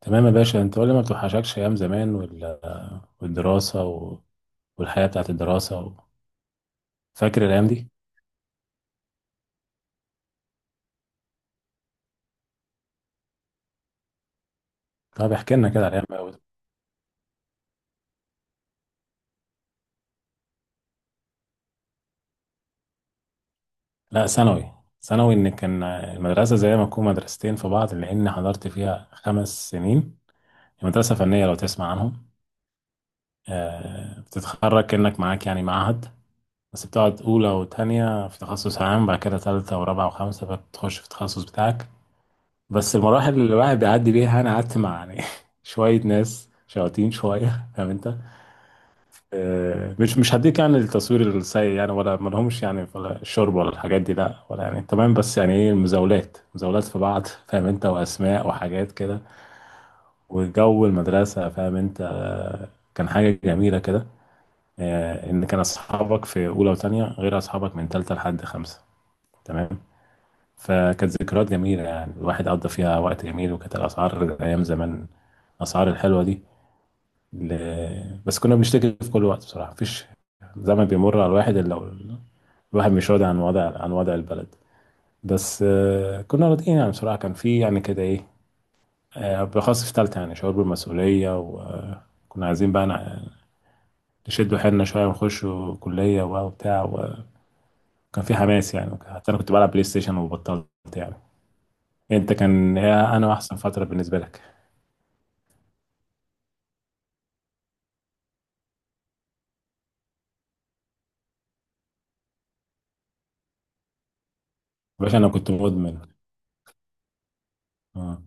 تمام يا باشا، انت قول لي ما بتوحشكش ايام زمان والدراسه و... والحياه بتاعت الدراسه؟ فاكر الايام دي؟ طب احكي لنا كده على الايام أوي. لا ثانوي. ثانوي، ان كان المدرسه زي ما تكون مدرستين في بعض، لان حضرت فيها 5 سنين. مدرسه فنيه لو تسمع عنهم. بتتخرج كانك معاك يعني معهد. بس بتقعد اولى وتانية في تخصص عام، بعد كده تالتة ورابعة وخمسة بتخش في التخصص بتاعك. بس المراحل اللي الواحد بيعدي بيها، انا قعدت مع يعني شويه ناس شياطين شويه، فاهم انت. مش هديك يعني التصوير السيء، يعني ولا ما لهمش يعني، ولا الشرب ولا الحاجات دي، لا ولا يعني تمام، بس يعني ايه، المزاولات مزاولات في بعض فاهم انت، واسماء وحاجات كده. وجو المدرسه، فاهم انت. كان حاجه جميله كده. ان كان اصحابك في اولى وثانيه غير اصحابك من ثالثه لحد خمسه، تمام. فكانت ذكريات جميلة، يعني الواحد قضى فيها وقت جميل. وكانت الأسعار أيام زمان، الأسعار الحلوة دي ل... بس كنا بنشتكي في كل وقت بصراحة، مفيش زمن بيمر على الواحد إلا الواحد مش راضي عن وضع البلد. بس كنا راضيين يعني بصراحة، كان في يعني كده إيه. بالأخص في تالتة يعني شعور بالمسؤولية، وكنا عايزين بقى نشد حيلنا شوية ونخش كلية وبتاع. وكان في حماس، يعني حتى أنا كنت بلعب بلاي ستيشن وبطلت. يعني انت، كان هي انا، احسن فتره بالنسبه لك؟ يا باشا انا كنت مدمن. اه.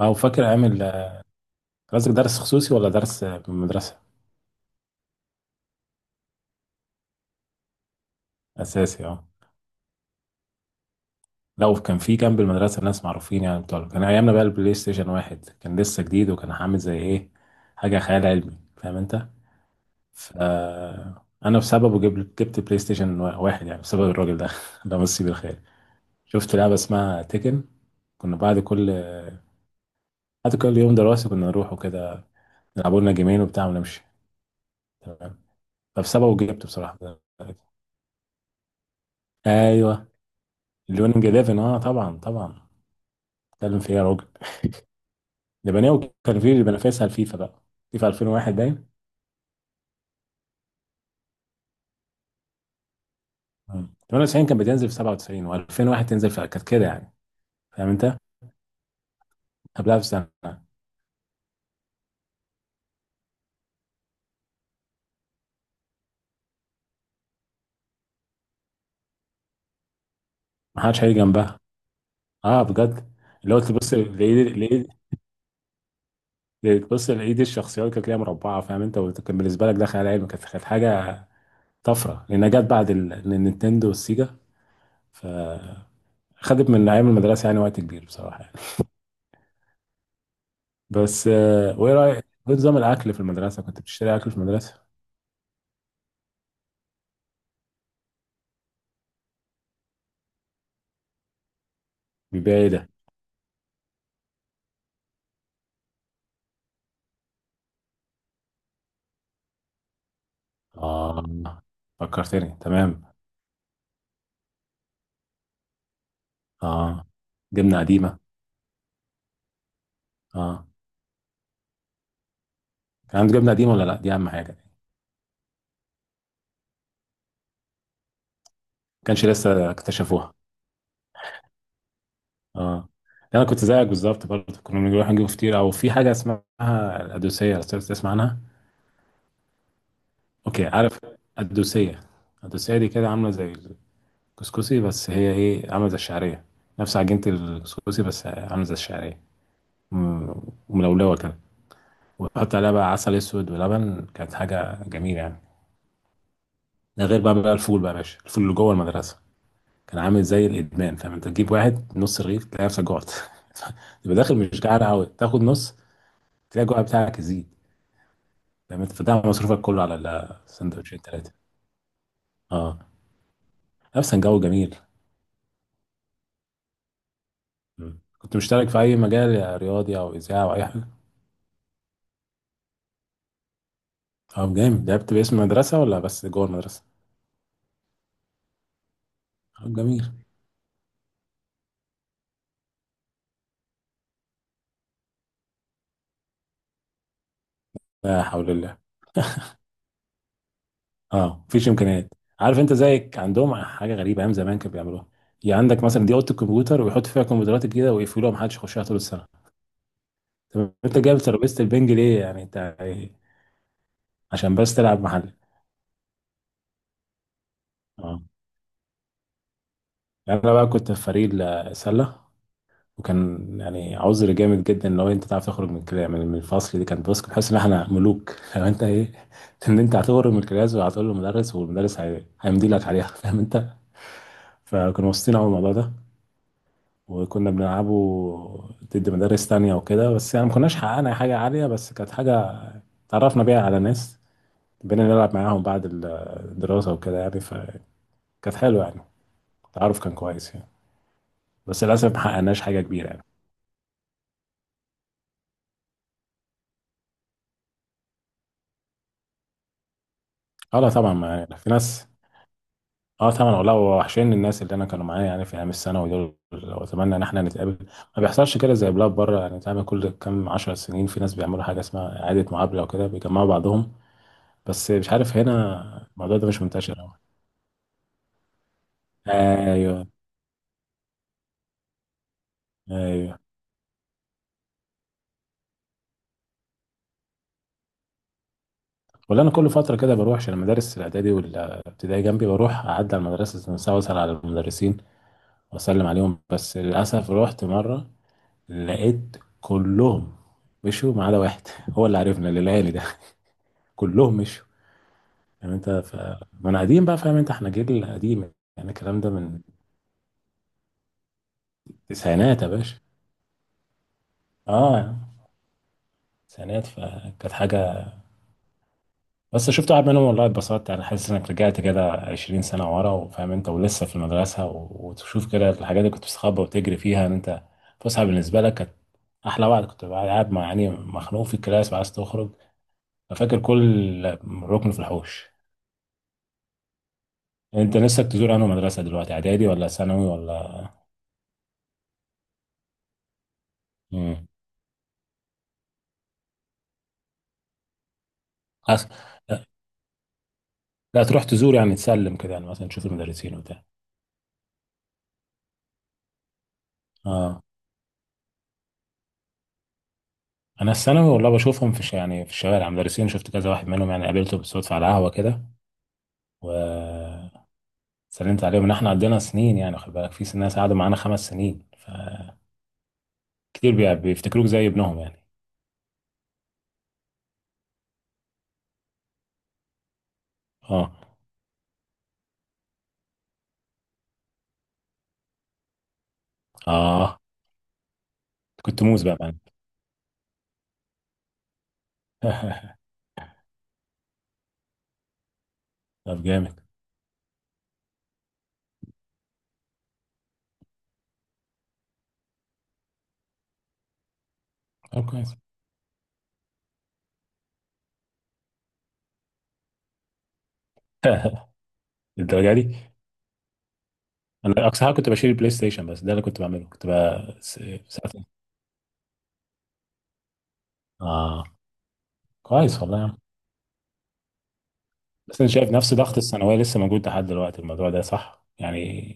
او فاكر ايام قصدك درس خصوصي ولا درس مدرسه؟ اساسي اه. لو كان في جنب المدرسه ناس معروفين يعني بتوع، كان ايامنا بقى البلاي ستيشن واحد كان لسه جديد، وكان عامل زي ايه، حاجه خيال علمي فاهم انت. ف انا بسببه جبت بلاي ستيشن واحد يعني، بسبب الراجل ده ده مسيب الخير. شفت لعبه اسمها تيكن. كنا بعد كل بعد كل يوم دراسي كنا نروح وكده، نلعبوا لنا جيمين وبتاع ونمشي، تمام. طب سبعة وجبت بصراحة. ايوه. ليونينج 11 اه، طبعا طبعا، اتكلم في ايه يا راجل؟ لبناني، كان في بنافسها الفيفا بقى. فيفا 2001 باين. مم. 98 كان بتنزل في 97، و2001 تنزل في، كانت كده يعني، فاهم انت، قبلها بسنة. ما حدش هيجي جنبها، اه بجد. اللي هو تبص لايد، لايد، تبص لايد الشخصيات كانت ليها مربعة فاهم انت، وكان بالنسبة لك ده خيال علمي، كانت حاجة طفرة، لأنها جت بعد النينتندو والسيجا. فخدت من أيام المدرسة يعني وقت كبير بصراحة يعني. بس وايه رايك ايه نظام الاكل في المدرسه؟ كنت بتشتري اكل في المدرسه؟ بيبيع ايه ده؟ اه، فكرتني، تمام. اه، جبنه قديمه. اه، كان عنده جبنه قديمه ولا لا؟ دي اهم حاجه. ما كانش لسه اكتشفوها، اه. يعني انا كنت زيك بالظبط برضه، كنا بنروح نجيب فطير، او في حاجه اسمها القدوسيه، لو تسمع عنها. اوكي عارف. القدوسيه. القدوسيه دي كده عامله زي الكسكسي، بس هي ايه، عامله زي الشعريه. نفس عجينه الكسكسي بس عامله زي الشعريه، م- ملولوه كده. وتحط عليها بقى عسل اسود ولبن، كانت حاجه جميله يعني. ده غير بقى الفول بقى يا باشا، الفول اللي جوه المدرسه. كان عامل زي الادمان فاهم انت، تجيب واحد نص رغيف تلاقي نفسك جوعت. تبقى داخل مش جعان قوي، تاخد نص، تلاقي الجوع بتاعك يزيد، فاهم انت. فده مصروفك كله على السندوتشين ثلاثه. اه. نفس جو جميل. مم. كنت مشترك في اي مجال، يا رياضي او اذاعه او اي حاجه؟ اه جامد. لعبت باسم المدرسه ولا بس جوه المدرسه؟ طب جميل. لا حول الله، اه مفيش امكانيات. عارف انت زيك عندهم حاجه غريبه ايام زمان كانوا بيعملوها، يعني عندك مثلا دي اوضه الكمبيوتر، ويحط فيها كمبيوترات الجديده ويقفلوها محدش يخشها طول السنه. طب انت جايب ترابيزه البنج ليه يعني انت، عشان بس تلعب محل؟ اه. يعني انا بقى كنت في فريق السله. وكان يعني عذر جامد جدا، ان هو انت تعرف تخرج من الفصل. دي كان، بص كنت حاسس ان احنا ملوك لو انت ايه، ان انت هتخرج من الكلاس، وهتقول للمدرس والمدرس هيمضي لك عليها فاهم انت. فكانوا مبسوطين قوي الموضوع ده. وكنا بنلعبه ضد مدارس تانية وكده، بس يعني ما كناش حققنا حاجة عالية، بس كانت حاجة تعرفنا بيها على ناس، بقينا نلعب معاهم بعد الدراسة وكده، يعني فكانت حلوة يعني، التعرف كان كويس يعني، بس للأسف ما حققناش حاجة كبيرة يعني. اه لا طبعا، ما في ناس. اه طبعا، والله وحشين الناس اللي انا كانوا معايا يعني، في ايام الثانوي دول. واتمنى ان احنا نتقابل، ما بيحصلش كده زي بلاد بره، يعني تعمل كل كام 10 سنين، في ناس بيعملوا حاجه اسمها اعاده مقابله، وكده بيجمعوا بعضهم. بس مش عارف هنا الموضوع ده مش منتشر. ايوه. ايوه. ولا انا كل فتره كده بروح، عشان المدارس الاعدادي والابتدائي جنبي، بروح اعدي على المدرسه عشان اسال على المدرسين واسلم عليهم. بس للاسف رحت مره، لقيت كلهم مشوا ما عدا واحد هو اللي عرفنا، اللي لقاني ده كلهم مشوا. يعني انت. ما انا قديم بقى، فاهم انت، احنا جيل قديم، يعني الكلام ده من التسعينات يا باشا. اه. تسعينات، فكانت حاجه. بس شفت واحد منهم والله اتبسطت، يعني حاسس انك رجعت كده 20 سنة ورا، وفاهم انت ولسه في المدرسة، وتشوف كده الحاجات اللي كنت بتستخبى وتجري فيها. ان انت فسحة بالنسبة لك، كانت احلى وقت، كنت بقى قاعد مع يعني مخنوق في الكلاس وعايز تخرج، ففاكر كل ركن في الحوش. يعني انت نفسك تزور انهي مدرسة دلوقتي، اعدادي ولا ثانوي ولا؟ امم. أس... لا تروح تزور يعني، تسلم كده يعني، مثلا تشوف المدرسين وبتاع. اه. انا الثانوي والله بشوفهم في يعني في الشوارع، مدرسين، شفت كذا واحد منهم يعني قابلته بالصدفة على قهوة كده. و سلمت عليهم، ان احنا عندنا سنين، يعني خد بالك في ناس قعدوا معانا 5 سنين، فكتير بيفتكروك زي ابنهم يعني. اه. اه، كنت موز بقى معانا. طب جامد. طب كويس. الدرجه دي؟ انا اقصى حاجه كنت بشيل البلاي ستيشن بس، ده اللي كنت بعمله، كنت بقى ساعتين. اه. كويس والله يا عم. بس انا شايف نفس ضغط الثانويه لسه موجود لحد دلوقتي، الموضوع ده صح يعني،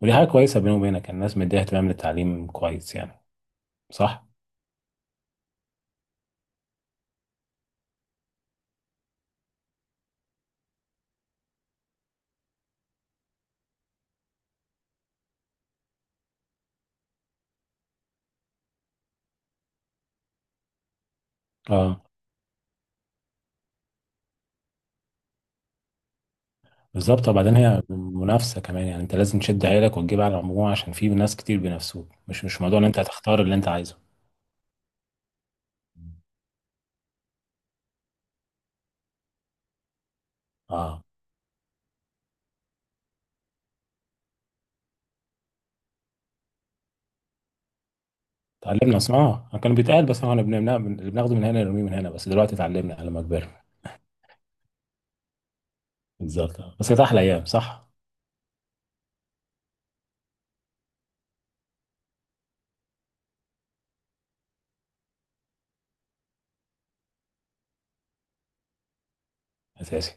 ودي حاجه كويسه بيني وبينك، الناس مديها اهتمام للتعليم كويس يعني. صح. اه بالظبط. وبعدين هي منافسة كمان، يعني انت لازم تشد حيلك وتجيب على المجموع، عشان في ناس كتير بينافسوك، مش موضوع ان انت هتختار اللي انت عايزه. اه. اتعلمنا، اسمها كان بيتقال بس احنا بنمنع اللي بناخده من هنا نرميه من هنا، بس دلوقتي اتعلمنا لما كبرنا. بالظبط آه. بس كانت احلى ايام، صح. اساسي.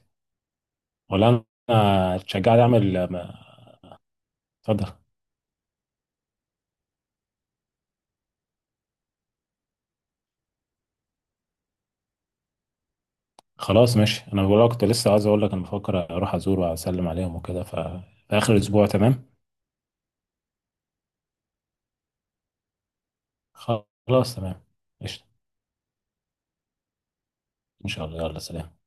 ولا انا، أنا اتشجعت اعمل اتفضل. خلاص ماشي، انا بقول لك، كنت لسه عايز اقول لك انا بفكر اروح ازور واسلم عليهم وكده، ف في اخر الاسبوع، تمام. خلاص تمام. قشطة. ان شاء الله، يلا سلام.